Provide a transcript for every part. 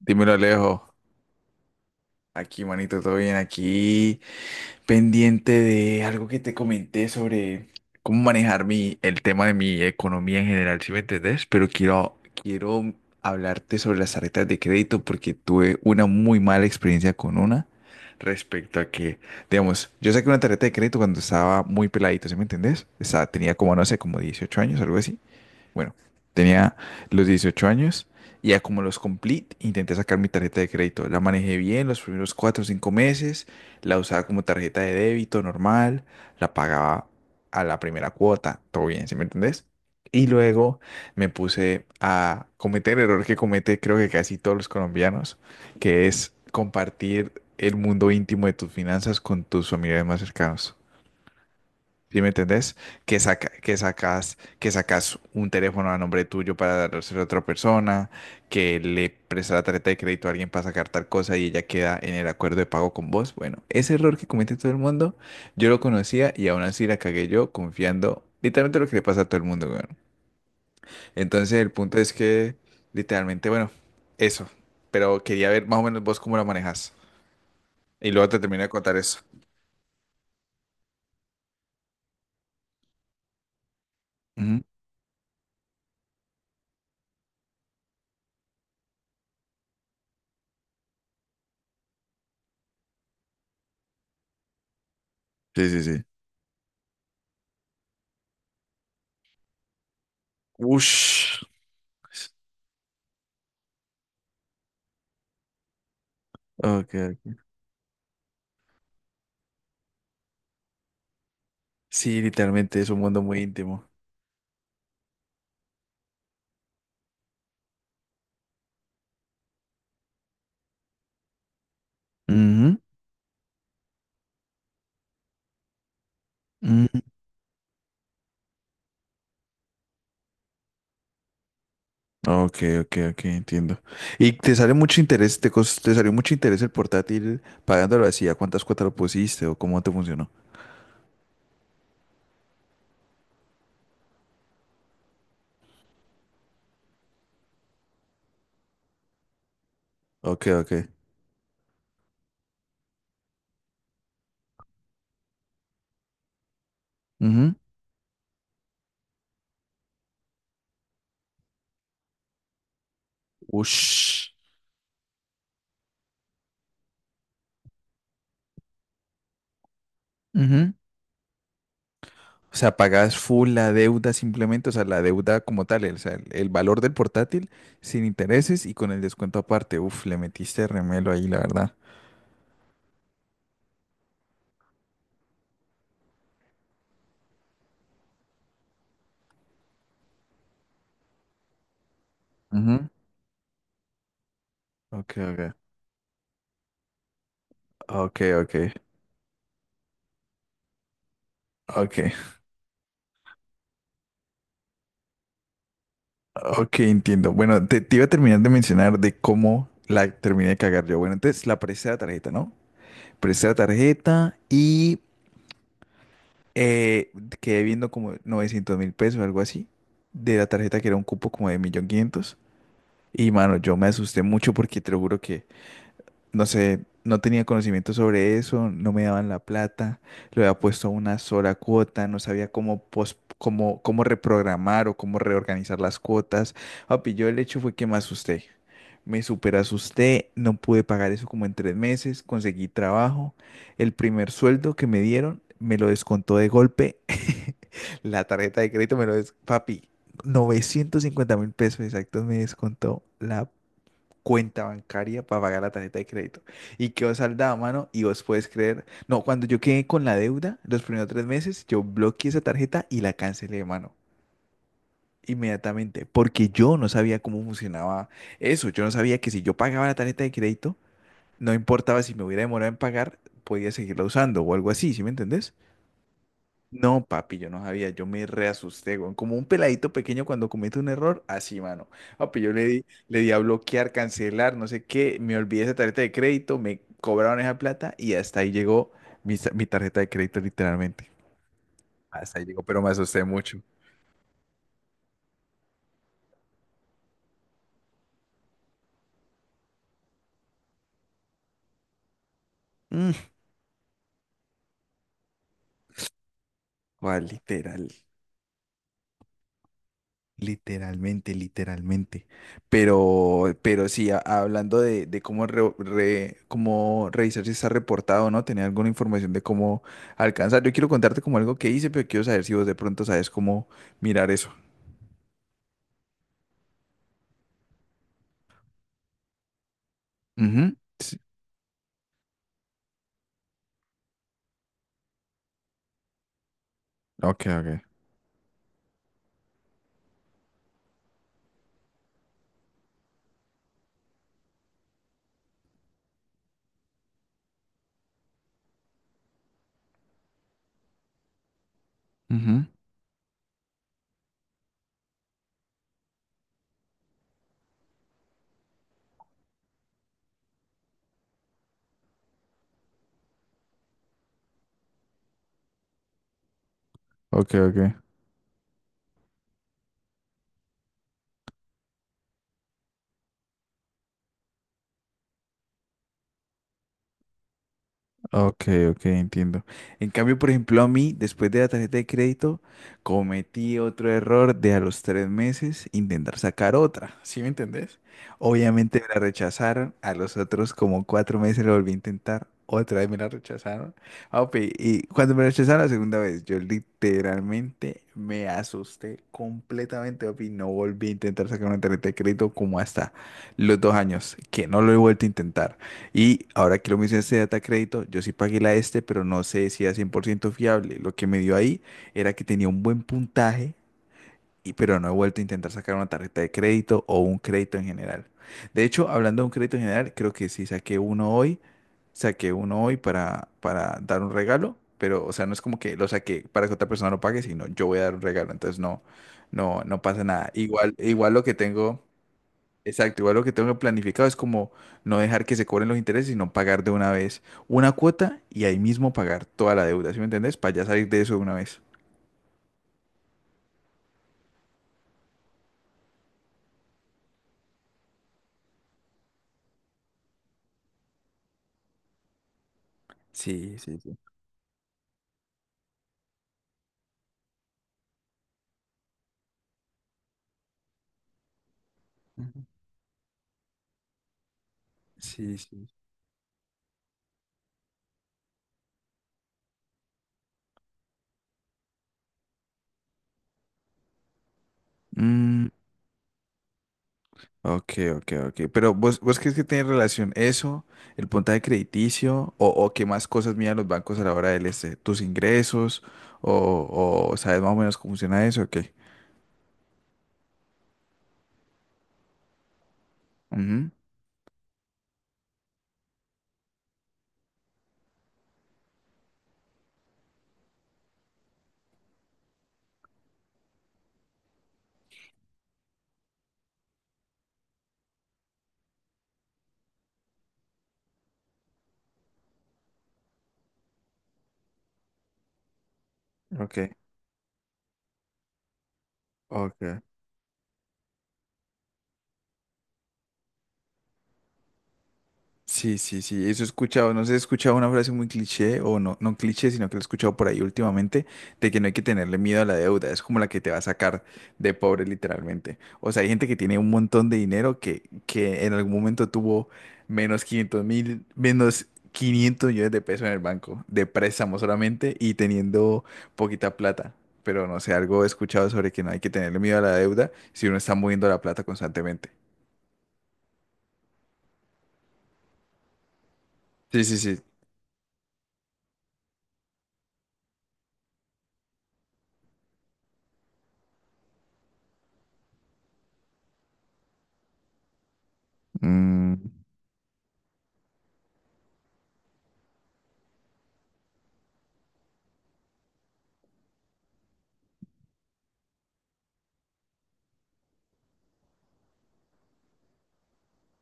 Dímelo, Alejo. Aquí, manito, todo bien. Aquí, pendiente de algo que te comenté sobre cómo manejar el tema de mi economía en general, ¿si me entendés? Pero quiero hablarte sobre las tarjetas de crédito porque tuve una muy mala experiencia con una respecto a que, digamos, yo saqué una tarjeta de crédito cuando estaba muy peladito, ¿sí me entendés? Tenía como, no sé, como 18 años, algo así. Bueno, tenía los 18 años y ya como los cumplí, intenté sacar mi tarjeta de crédito. La manejé bien los primeros 4 o 5 meses, la usaba como tarjeta de débito normal, la pagaba a la primera cuota, todo bien, ¿sí me entendés? Y luego me puse a cometer el error que comete creo que casi todos los colombianos, que es compartir el mundo íntimo de tus finanzas con tus familiares más cercanos. ¿Sí me entendés? Que sacas un teléfono a nombre tuyo para dárselo a otra persona, que le prestas la tarjeta de crédito a alguien para sacar tal cosa y ella queda en el acuerdo de pago con vos. Bueno, ese error que comete todo el mundo, yo lo conocía y aún así la cagué yo confiando literalmente lo que le pasa a todo el mundo, weón. Entonces el punto es que literalmente, bueno, eso. Pero quería ver más o menos vos cómo la manejas. Y luego te termino de contar eso. Ujú. Sí, sí, sí. Ush. Ok, ok. Sí, literalmente es un mundo muy íntimo. Ujú, ujú. Ok, ok, ok, entiendo. ¿Y te sale mucho interés, te salió mucho interés el portátil pagándolo así? ¿A cuántas cuotas lo pusiste o cómo te funcionó? Ok, ok. Ujú. Ush. Ujú. O sea, pagas full la deuda simplemente, o sea, la deuda como tal, o sea, el valor del portátil sin intereses y con el descuento aparte. Uf, le metiste remelo ahí, la verdad. Ujú. Ok, ok. Ok, ok. Ok. Ok, entiendo. Bueno, te iba a terminar de mencionar de cómo la terminé de cagar yo. Bueno, entonces la presté la tarjeta, ¿no? Presté la tarjeta y eh, quedé viendo como 900 mil pesos, algo así, de la tarjeta que era un cupo como de 1.500.000. Y mano, yo me asusté mucho porque te lo juro que no sé, no tenía conocimiento sobre eso, no me daban la plata, lo había puesto a una sola cuota, no sabía cómo reprogramar o cómo reorganizar las cuotas. Papi, yo el hecho fue que me asusté. Me super asusté, no pude pagar eso como en 3 meses, conseguí trabajo. El primer sueldo que me dieron me lo descontó de golpe. La tarjeta de crédito me lo des... Papi, 950.000 pesos exactos me descontó la cuenta bancaria para pagar la tarjeta de crédito. Y quedó saldada, mano, y vos puedes creer. No, cuando yo quedé con la deuda, los primeros 3 meses, yo bloqueé esa tarjeta y la cancelé, mano. Inmediatamente, porque yo no sabía cómo funcionaba eso. Yo no sabía que si yo pagaba la tarjeta de crédito, no importaba si me hubiera demorado en pagar, podía seguirla usando o algo así, ¿sí me entendés? No, papi, yo no sabía, yo me reasusté, weón. Como un peladito pequeño cuando comete un error, así, mano. Papi, yo le di a bloquear, cancelar, no sé qué, me olvidé esa tarjeta de crédito, me cobraron esa plata y hasta ahí llegó mi tarjeta de crédito, literalmente. Hasta ahí llegó, pero me asusté mucho. Mm, ¿cuál literal? Literalmente, literalmente. Pero sí, hablando de cómo revisar si está reportado o no, tenía alguna información de cómo alcanzar. Yo quiero contarte como algo que hice, pero quiero saber si vos de pronto sabes cómo mirar eso. Ujú. Sí. Ok, ok. Ujú. Ok, ok. Ok, ok, entiendo. En cambio, por ejemplo, a mí, después de la tarjeta de crédito, cometí otro error de a los 3 meses intentar sacar otra, ¿sí me entendés? Obviamente me la rechazaron, a los otros como 4 meses lo volví a intentar, otra vez me la rechazaron. Ah, ok, y cuando me rechazaron la segunda vez, yo literalmente me asusté completamente, papi, no volví a intentar sacar una tarjeta de crédito como hasta los 2 años, que no lo he vuelto a intentar. Y ahora que lo mencioné este data crédito, yo sí pagué la este, pero no sé si era 100% fiable. Lo que me dio ahí era que tenía un buen puntaje, y, pero no he vuelto a intentar sacar una tarjeta de crédito o un crédito en general. De hecho, hablando de un crédito en general, creo que sí saqué uno hoy para dar un regalo, pero o sea, no es como que lo saqué para que otra persona lo pague, sino yo voy a dar un regalo, entonces no, no, no pasa nada. Igual, igual lo que tengo. Exacto, igual lo que tengo planificado es como no dejar que se cobren los intereses, sino pagar de una vez una cuota y ahí mismo pagar toda la deuda, ¿sí me entendés? Para ya salir de eso de una vez. Sí, sí, sí. Ujú. Sí, sí. Mm, ok, ok, ok. Pero vos, ¿vos crees que tiene relación eso, el puntaje crediticio, o qué más cosas miran los bancos a la hora del este, tus ingresos, o sabes más o menos cómo funciona eso, o qué? Ujú, ok, ok. Sí, sí, sí, eso he escuchado, no sé, he escuchado una frase muy cliché, o no, no cliché, sino que lo he escuchado por ahí últimamente, de que no hay que tenerle miedo a la deuda, es como la que te va a sacar de pobre literalmente. O sea, hay gente que tiene un montón de dinero que en algún momento tuvo menos 500 mil, menos 500 millones de pesos en el banco, de préstamo solamente, y teniendo poquita plata. Pero no sé, algo he escuchado sobre que no hay que tenerle miedo a la deuda si uno está moviendo la plata constantemente. Sí, sí, sí. Mm,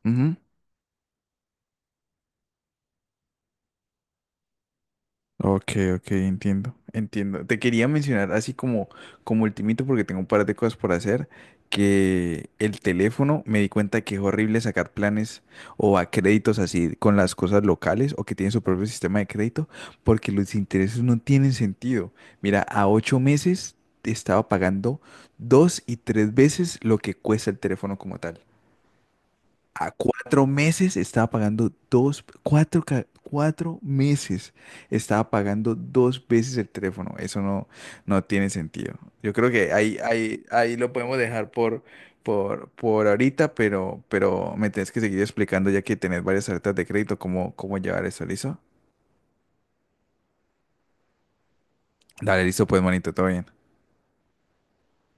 ujú. Ok, ok, entiendo, entiendo. Te quería mencionar así como, como ultimito, porque tengo un par de cosas por hacer, que el teléfono me di cuenta que es horrible sacar planes o a créditos así con las cosas locales o que tienen su propio sistema de crédito, porque los intereses no tienen sentido. Mira, a 8 meses estaba pagando 2 y 3 veces lo que cuesta el teléfono como tal. A 4 meses estaba pagando 4 meses estaba pagando 2 veces el teléfono. Eso no tiene sentido. Yo creo que ahí lo podemos dejar por ahorita, pero me tienes que seguir explicando ya que tenés varias tarjetas de crédito, cómo, cómo llevar eso, ¿listo? Dale, listo, pues, manito, todo bien.